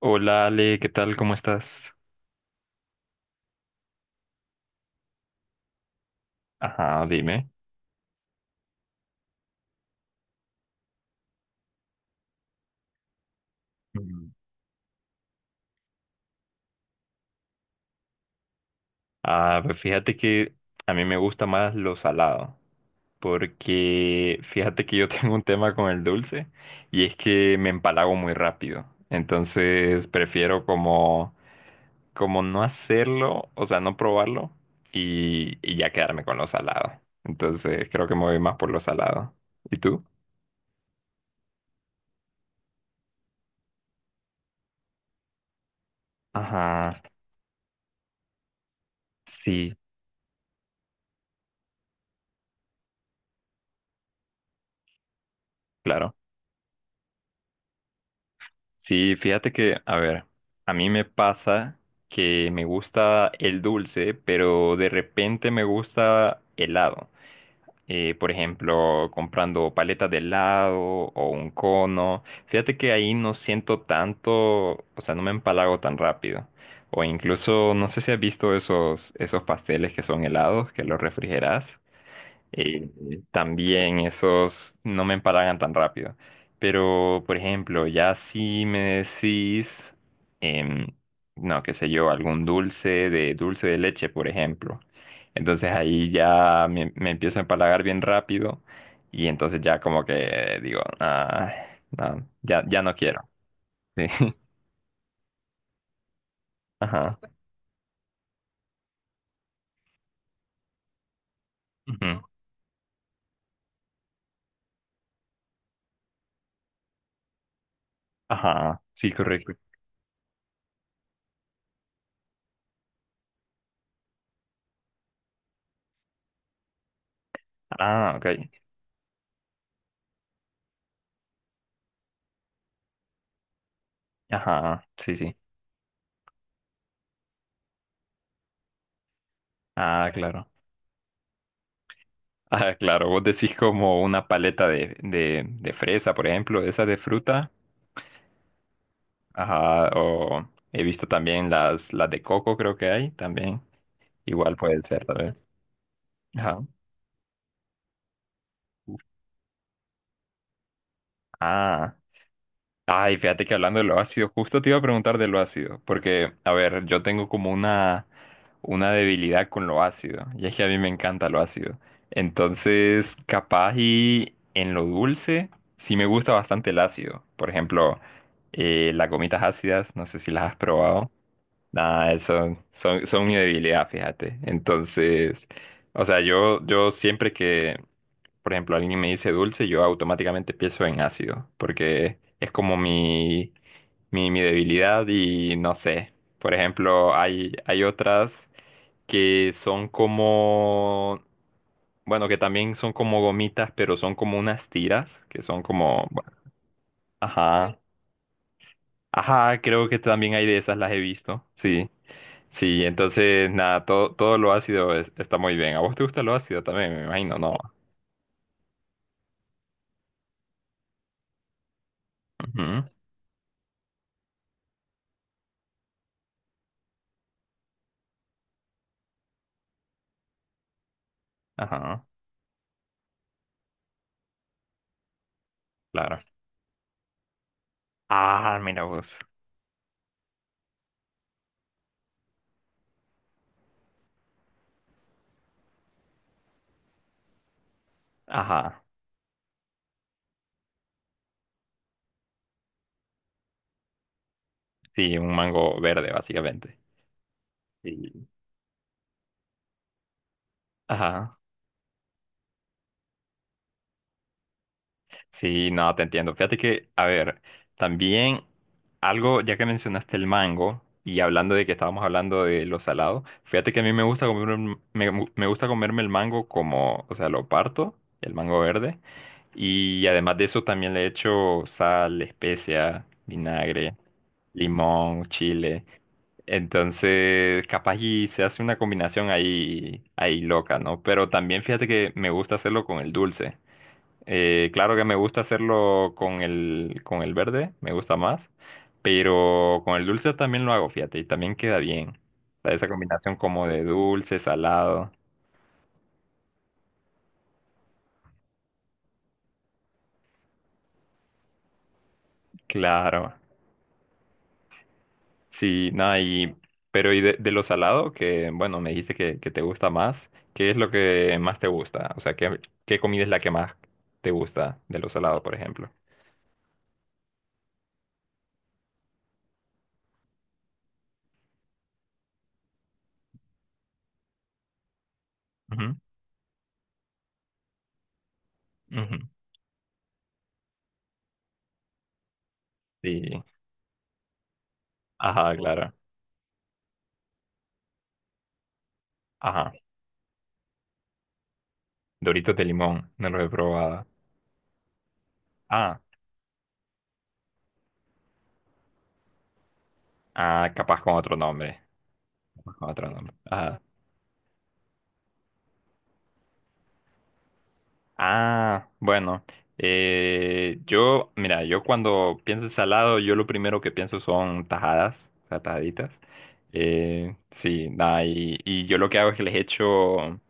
Hola Ale, ¿qué tal? ¿Cómo estás? Ajá, dime. Mm. Ah, pues fíjate que a mí me gusta más lo salado, porque fíjate que yo tengo un tema con el dulce y es que me empalago muy rápido. Entonces prefiero como, como no hacerlo, o sea, no probarlo y ya quedarme con lo salado. Entonces creo que me voy más por lo salado. ¿Y tú? Ajá, sí, claro. Sí, fíjate que, a ver, a mí me pasa que me gusta el dulce, pero de repente me gusta helado. Por ejemplo, comprando paletas de helado o un cono. Fíjate que ahí no siento tanto, o sea, no me empalago tan rápido. O incluso, no sé si has visto esos pasteles que son helados, que los refrigeras. Eh, También esos no me empalagan tan rápido. Pero, por ejemplo, ya si me decís, em, no, qué sé yo, algún dulce de leche, por ejemplo. Entonces ahí ya me empiezo a empalagar bien rápido y entonces ya como que digo, ah, no, ya no quiero. Sí. Ajá. Ujú. Ajá. Sí, correcto. Ah, ok. Ajá. Sí, sí. Ah, claro. Ah, claro, vos decís como una paleta de, de fresa, por ejemplo, esa de fruta. Ajá, o he visto también las de coco, creo que hay también. Igual puede ser, tal vez. Ajá. Ah. Ay, fíjate que hablando de lo ácido, justo te iba a preguntar de lo ácido, porque, a ver, yo tengo como una debilidad con lo ácido, y es que a mí me encanta lo ácido. Entonces, capaz y en lo dulce, sí me gusta bastante el ácido. Por ejemplo, las gomitas ácidas, no sé si las has probado. Nada, eso son, son mi debilidad, fíjate. Entonces, o sea, yo siempre que por ejemplo, alguien me dice dulce, yo automáticamente pienso en ácido, porque es como mi, mi debilidad y no sé. Por ejemplo, hay otras que son como, bueno, que también son como gomitas, pero son como unas tiras, que son como, bueno, ajá, ajá, creo que también hay de esas, las he visto, sí. Sí, entonces, nada, todo, todo lo ácido es- está muy bien. ¿A vos te gusta lo ácido también? Me imagino, no. Ujú, ajá, claro. Ah, mira vos. Ajá. Sí, un mango verde, básicamente. Sí. Ajá. Sí, no, te entiendo. Fíjate que, a ver, también algo, ya que mencionaste el mango, y hablando de que estábamos hablando de lo salado, fíjate que a mí me gusta comer, un- me, gu- me gusta comerme el mango como, o sea, lo parto, el mango verde, y además de eso también le echo sal, especia, vinagre, limón, chile. Entonces, capaz y se hace una combinación ahí, ahí loca, ¿no? Pero también fíjate que me gusta hacerlo con el dulce. Claro que me gusta hacerlo con el verde, me gusta más, pero con el dulce también lo hago, fíjate, y también queda bien. O sea, esa combinación como de dulce, salado, claro. Sí, nada, y, pero y de lo salado, que bueno, me dijiste que te gusta más, ¿qué es lo que más te gusta? O sea, ¿qué, qué comida es la que más te gusta de lo salado, por ejemplo? Ujú, ujú. Sí, ajá, claro, ajá. Doritos de limón, no los he probado. Ah, ah, capaz con otro nombre, capaz con otro nombre. Ajá. Ah, bueno, yo, mira, yo cuando pienso en salado, yo lo primero que pienso son tajadas, o sea, tajaditas. Sí, nada, y yo lo que hago es que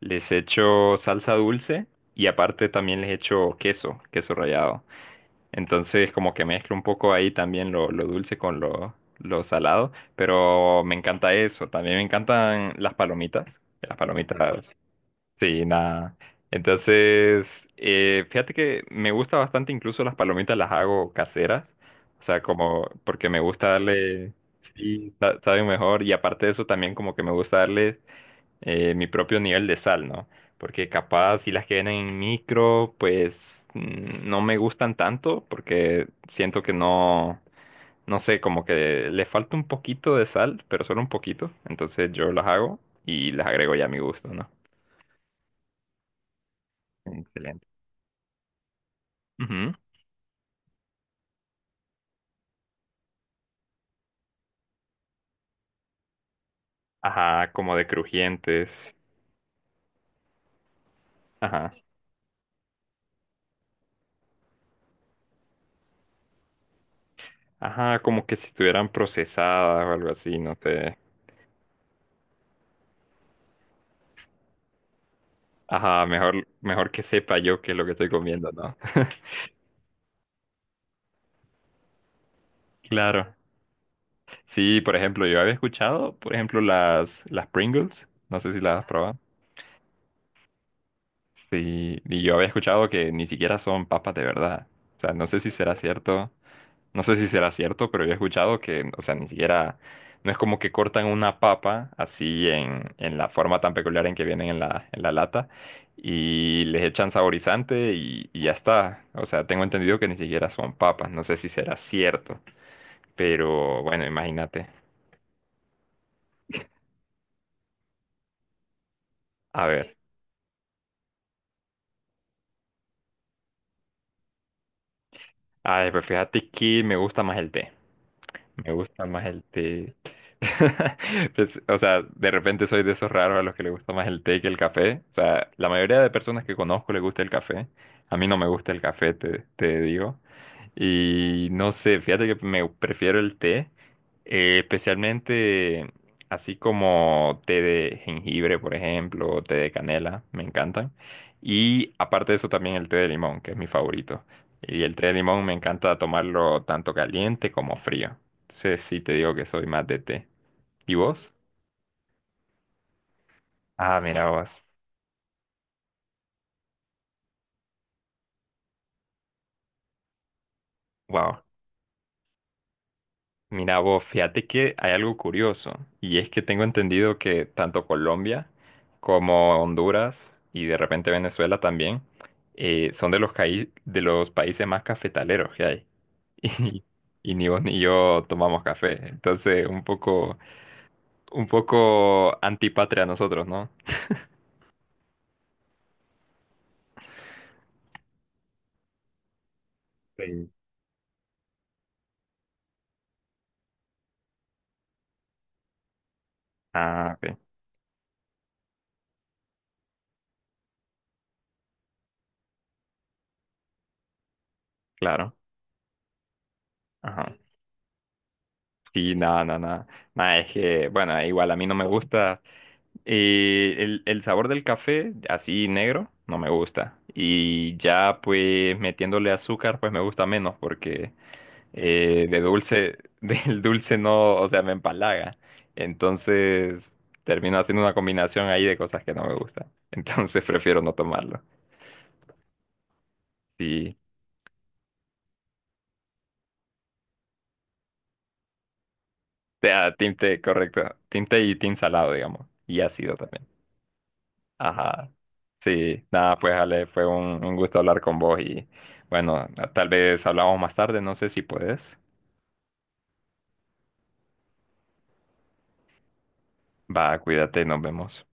les echo salsa dulce y aparte también les echo queso, queso rallado. Entonces, como que mezclo un poco ahí también lo dulce con lo salado, pero me encanta eso. También me encantan las palomitas, las palomitas. Sí, nada. Entonces, fíjate que me gusta bastante, incluso las palomitas las hago caseras, o sea, como porque me gusta darle, sí, sa- saben mejor, y aparte de eso también como que me gusta darle mi propio nivel de sal, ¿no? Porque capaz si las que vienen en micro, pues no me gustan tanto, porque siento que no, no sé, como que le falta un poquito de sal, pero solo un poquito, entonces yo las hago y las agrego ya a mi gusto, ¿no? Excelente. Ujú. Ajá, como de crujientes. Ajá. Ajá, como que si estuvieran procesadas o algo así, no sé. Ajá, mejor, mejor que sepa yo qué es lo que estoy comiendo, ¿no? Claro. Sí, por ejemplo, yo había escuchado, por ejemplo, las Pringles. No sé si las has probado. Sí, y yo había escuchado que ni siquiera son papas de verdad. O sea, no sé si será cierto. No sé si será cierto, pero yo he escuchado que, o sea, ni siquiera, no es como que cortan una papa así en la forma tan peculiar en que vienen en la lata y les echan saborizante y ya está. O sea, tengo entendido que ni siquiera son papas, no sé si será cierto, pero bueno, imagínate. A ver, ay, pues fíjate que me gusta más el té. Me gusta más el té. Pues, o sea, de repente soy de esos raros a los que le gusta más el té que el café. O sea, la mayoría de personas que conozco le gusta el café. A mí no me gusta el café, te digo. Y no sé, fíjate que me prefiero el té, especialmente así como té de jengibre, por ejemplo, o té de canela, me encantan. Y aparte de eso también el té de limón, que es mi favorito. Y el té de limón me encanta tomarlo tanto caliente como frío. Entonces sí te digo que soy más de té. ¿Y vos? Ah, mira vos. Wow. Mira vos, fíjate que hay algo curioso y es que tengo entendido que tanto Colombia como Honduras y de repente Venezuela también son de los, caí- de los países más cafetaleros que hay y, y ni vos ni yo tomamos café, entonces un poco antipatria a nosotros, ¿no? Sí. Ah, ok, claro. Ajá. Sí, nada, nada, nada. Nada, es que, bueno, igual a mí no me gusta. El sabor del café, así negro, no me gusta. Y ya pues metiéndole azúcar, pues me gusta menos porque de dulce, del dulce no, o sea, me empalaga. Entonces termino haciendo una combinación ahí de cosas que no me gustan. Entonces prefiero no tomarlo. Sí, o sea, tinte, correcto. Tinte y tinte salado, digamos. Y ácido también. Ajá. Sí, nada, pues Ale, fue un gusto hablar con vos y bueno, tal vez hablamos más tarde, no sé si puedes. Va, cuídate, nos vemos.